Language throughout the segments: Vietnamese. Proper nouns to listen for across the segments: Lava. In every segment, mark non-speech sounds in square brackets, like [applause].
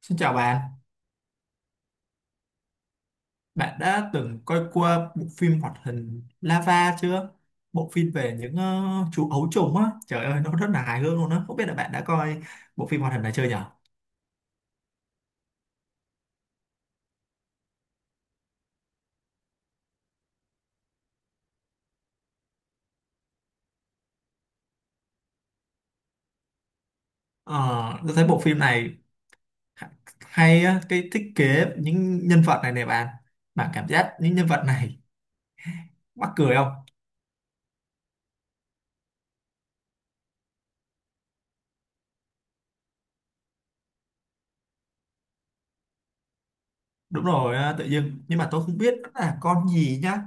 Xin chào bạn, bạn đã từng coi qua bộ phim hoạt hình Lava chưa? Bộ phim về những chú ấu trùng á, trời ơi nó rất là hài hước luôn á. Không biết là bạn đã coi bộ phim hoạt hình này chưa nhở? Ờ, tôi thấy bộ phim này ha- hay á, cái thiết kế những nhân vật này nè bạn. Bạn cảm giác những nhân vật này mắc cười không? Đúng rồi, tự dưng. Nhưng mà tôi không biết nó là con gì nhá.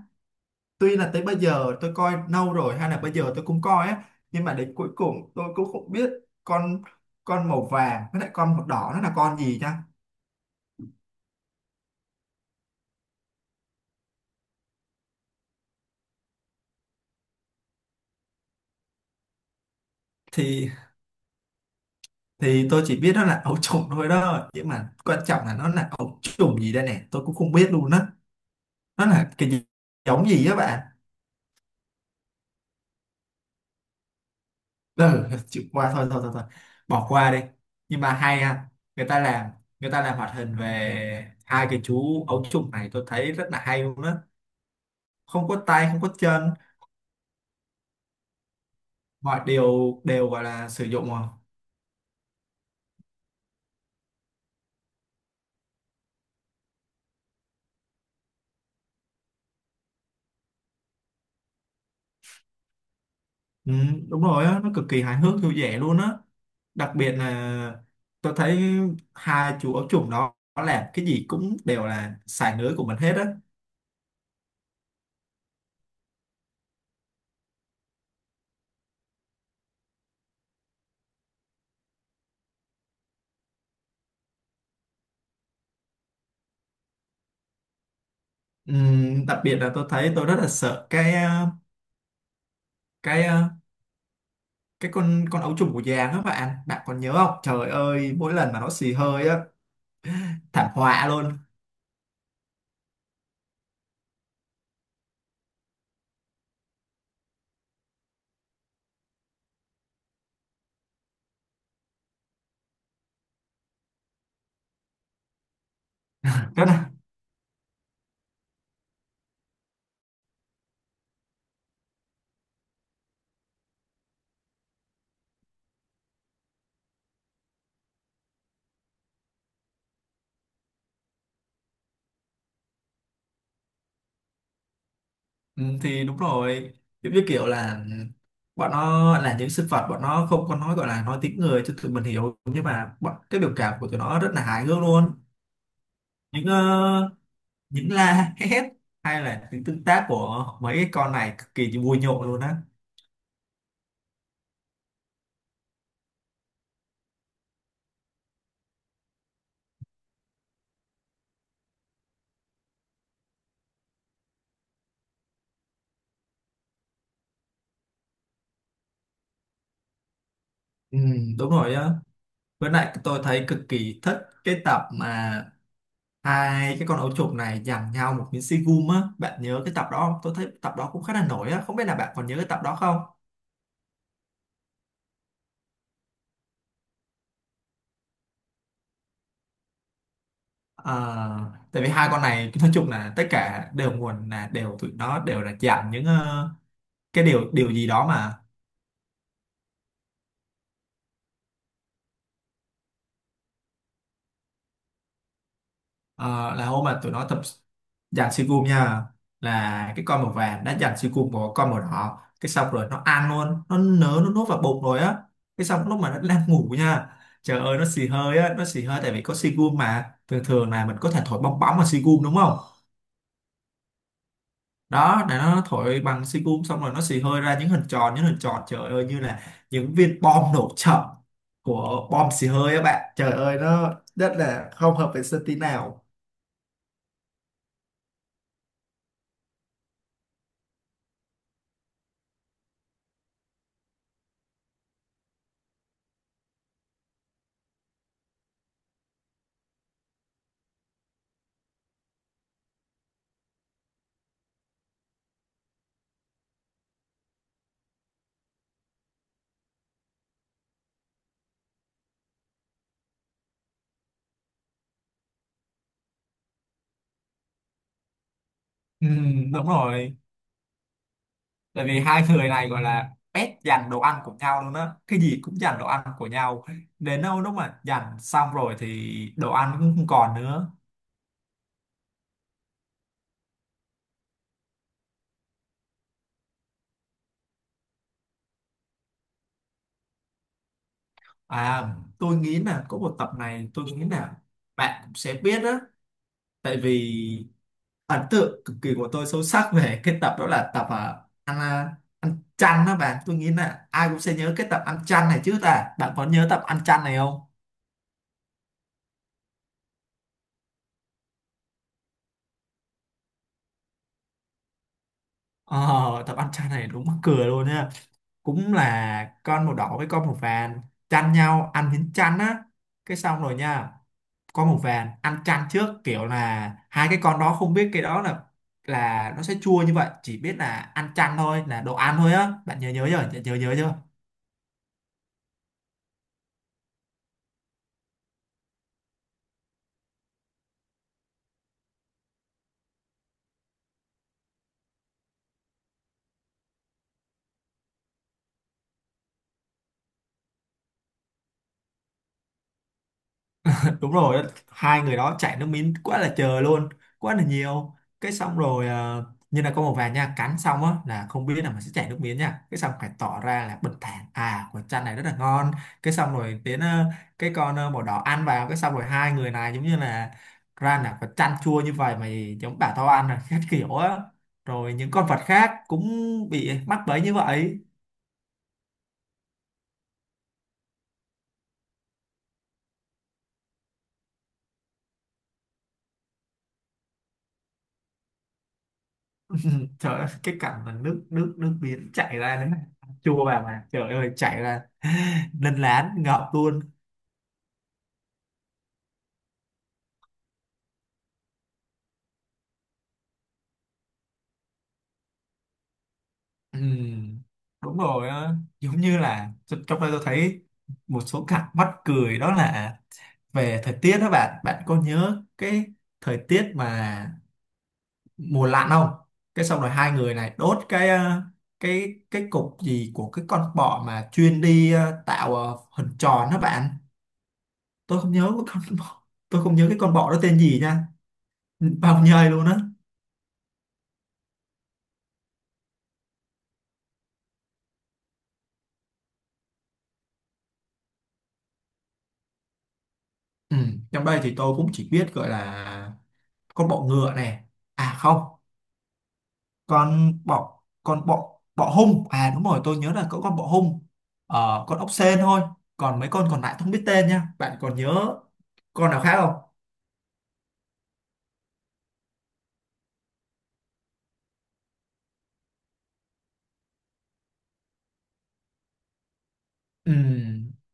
Tuy là tới bây giờ tôi coi lâu rồi hay là bây giờ tôi cũng coi á, nhưng mà đến cuối cùng tôi cũng không biết con con màu vàng với lại con màu đỏ nó là con gì nha. Thì thì tôi chỉ biết nó là ấu trùng thôi đó, nhưng mà quan trọng là nó là ấu trùng gì đây nè, tôi cũng không biết luôn á. Nó là cái gì, giống gì á bạn? Ừ, chịu qua, thôi thôi thôi thôi, bỏ qua đi. Nhưng mà hay ha, người ta làm người ta làm hoạt hình về hai cái chú ấu trùng này, tôi thấy rất là hay luôn á. Không có tay không có chân, mọi điều đều gọi là sử dụng à. Ừ, đúng rồi á, nó cực kỳ hài hước vui vẻ luôn á. Đặc biệt là tôi thấy hai chú ấu trùng đó nó làm cái gì cũng đều là xài lưới của mình hết á. Ừ, đặc biệt là tôi thấy tôi rất là sợ cái cái cái con ấu trùng của già đó bạn, bạn còn nhớ không, trời ơi mỗi lần mà nó xì hơi á, thảm họa luôn, rất là. Ừ, thì đúng rồi, giống như kiểu là ừ, bọn nó là những sinh vật, bọn nó không có nói, gọi là nói tiếng người cho tụi mình hiểu, nhưng mà bọn cái biểu cảm của tụi nó rất là hài hước luôn. Những những la hét hay là những tương tác của mấy cái con này cực kỳ vui nhộn luôn á. Ừ, đúng rồi á, với lại tôi thấy cực kỳ thích cái tập mà hai cái con ấu trùng này giằng nhau một miếng xi gum á, bạn nhớ cái tập đó không? Tôi thấy tập đó cũng khá là nổi á, không biết là bạn còn nhớ cái tập đó không. Ờ, tại vì hai con này nói chung là tất cả đều nguồn là đều tụi nó đều là dạng những cái điều điều gì đó mà. Ờ, là hôm mà tụi nó tập dàn si cùm nha, là cái con màu vàng đã dàn si cùm của con màu đỏ, cái xong rồi nó ăn luôn, nó nớ nó nuốt vào bụng rồi á. Cái xong lúc mà nó đang ngủ nha, trời ơi nó xì hơi á, nó xì hơi tại vì có si cùm mà, thường thường là mình có thể thổi bong bóng mà si cùm đúng không? Đó, để nó thổi bằng xi cum xong rồi nó xì hơi ra những hình tròn, những hình tròn, trời ơi như là những viên bom nổ chậm của bom xì hơi á bạn, trời ơi nó rất là không hợp vệ sinh tí nào. Ừ, đúng rồi. Tại vì hai người này gọi là pet giành đồ ăn của nhau luôn á. Cái gì cũng giành đồ ăn của nhau. Đến đâu lúc mà giành xong rồi thì đồ ăn cũng không còn nữa. À, tôi nghĩ là có một tập này, tôi nghĩ là bạn cũng sẽ biết á. Tại vì ấn tượng cực kỳ của tôi sâu sắc về cái tập đó là tập ăn, ăn chăn đó bạn, tôi nghĩ là ai cũng sẽ nhớ cái tập ăn chăn này chứ ta, bạn có nhớ tập ăn chăn này không? Ờ, tập ăn chăn này đúng mắc cười luôn nha, cũng là con màu đỏ với con màu vàng chăn nhau ăn miếng chăn á. Cái xong rồi nha, con màu vàng ăn chăn trước, kiểu là hai cái con đó không biết cái đó là nó sẽ chua như vậy, chỉ biết là ăn chăn thôi, là đồ ăn thôi á, bạn nhớ nhớ chưa, nhớ nhớ chưa? Đúng rồi, hai người đó chạy nước miếng quá là trời luôn, quá là nhiều. Cái xong rồi như là có một vài nha cắn xong á là không biết là mình sẽ chảy nước miếng nha, cái xong phải tỏ ra là bình thản à, quả chanh này rất là ngon. Cái xong rồi đến cái con màu đỏ ăn vào, cái xong rồi hai người này giống như là ra là quả chanh chua như vậy mày giống bảo tao ăn là khác [laughs] kiểu á, rồi những con vật khác cũng bị mắc bẫy như vậy. [laughs] Ừ, trời ơi, cái cảnh mà nước nước nước biển chảy ra đấy này, chua bà mà trời ơi chảy ra, [laughs] đân lán ngợp luôn. Ừ, đúng rồi á. Giống như là trong đây tôi thấy một số cảnh mắc cười đó là về thời tiết đó bạn, bạn có nhớ cái thời tiết mà mùa lạnh không? Cái xong rồi hai người này đốt cái cái cục gì của cái con bọ mà chuyên đi tạo hình tròn đó bạn, tôi không nhớ cái con [laughs] bọ, tôi không nhớ cái con bọ đó tên gì nha, bao nhây luôn á. Ừ. Trong đây thì tôi cũng chỉ biết gọi là con bọ ngựa này. À không, con bọ bọ hung. À đúng rồi, tôi nhớ là có con bọ hung. Ờ, con ốc sên thôi. Còn mấy con còn lại không biết tên nha. Bạn còn nhớ con nào khác không? Ừ,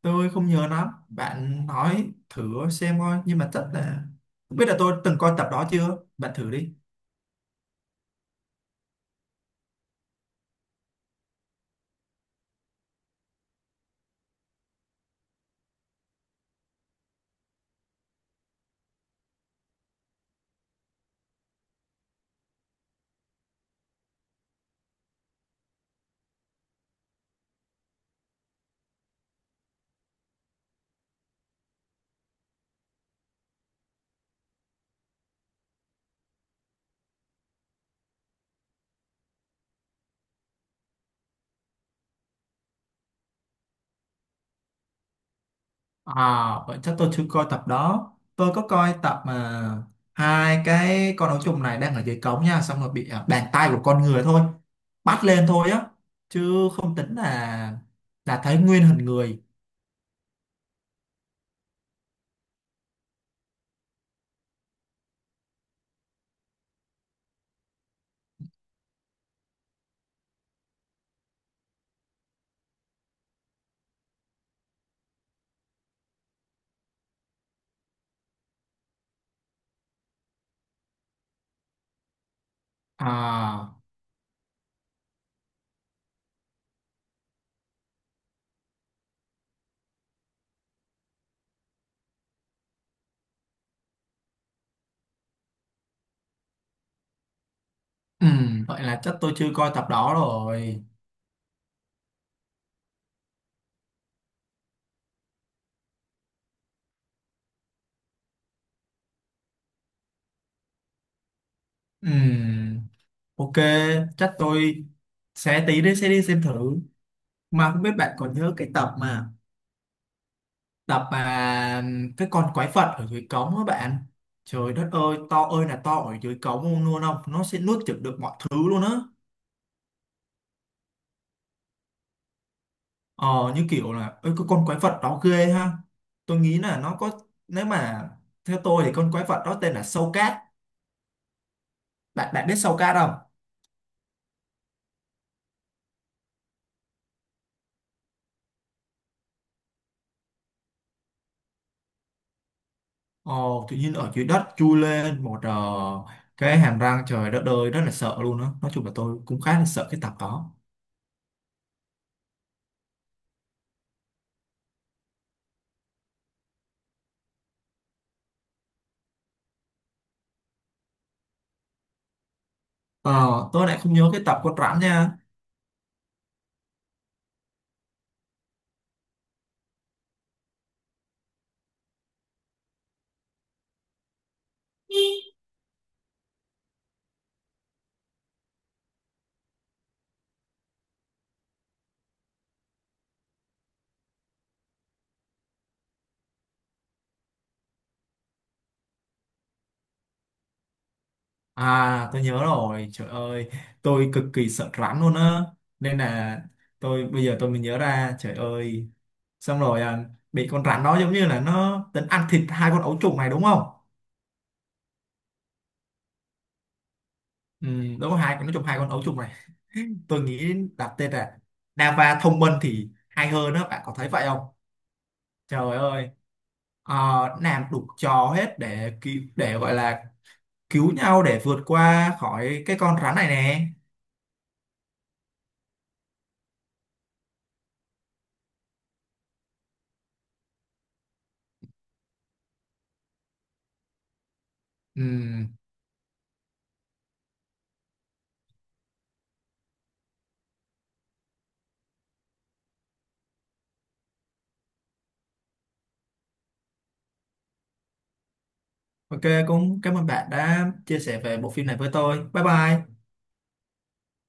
tôi không nhớ lắm. Bạn nói thử xem coi, nhưng mà chắc là không biết là tôi từng coi tập đó chưa? Bạn thử đi. À, vậy chắc tôi chưa coi tập đó. Tôi có coi tập mà hai cái con ấu trùng này đang ở dưới cống nha, xong rồi bị bàn tay của con người thôi bắt lên thôi á, chứ không tính là thấy nguyên hình người. À, vậy là chắc tôi chưa coi tập đó rồi. Ừm, ok, chắc tôi sẽ tí đi sẽ đi xem thử. Mà không biết bạn còn nhớ cái tập mà cái con quái vật ở dưới cống á bạn, trời đất ơi to ơi là to ở dưới cống luôn luôn không, nó sẽ nuốt chửng được mọi thứ luôn á. Ờ, như kiểu là ơi cái con quái vật đó ghê ha, tôi nghĩ là nó có, nếu mà theo tôi thì con quái vật đó tên là sâu cát, bạn bạn biết sâu cát không? Ờ, tự nhiên ở dưới đất chui lên một cái hàm răng, trời đất ơi rất là sợ luôn á, nói chung là tôi cũng khá là sợ cái tập đó. Ờ, tôi lại không nhớ cái tập con rắn nha. À, tôi nhớ rồi, trời ơi, tôi cực kỳ sợ rắn luôn á. Nên là tôi bây giờ tôi mới nhớ ra, trời ơi. Xong rồi bị con rắn đó giống như là nó tính ăn thịt hai con ấu trùng này đúng không? Ừ, đúng rồi, hai con nó trùng hai con ấu trùng này. Tôi nghĩ đặt tên là Nava thông minh thì hay hơn đó, bạn có thấy vậy không? Trời ơi, ờ, làm đủ trò hết để cứu, để gọi là cứu nhau để vượt qua khỏi cái con rắn này nè. Ừ. Ok, cũng cảm ơn bạn đã chia sẻ về bộ phim này với tôi. Bye bye.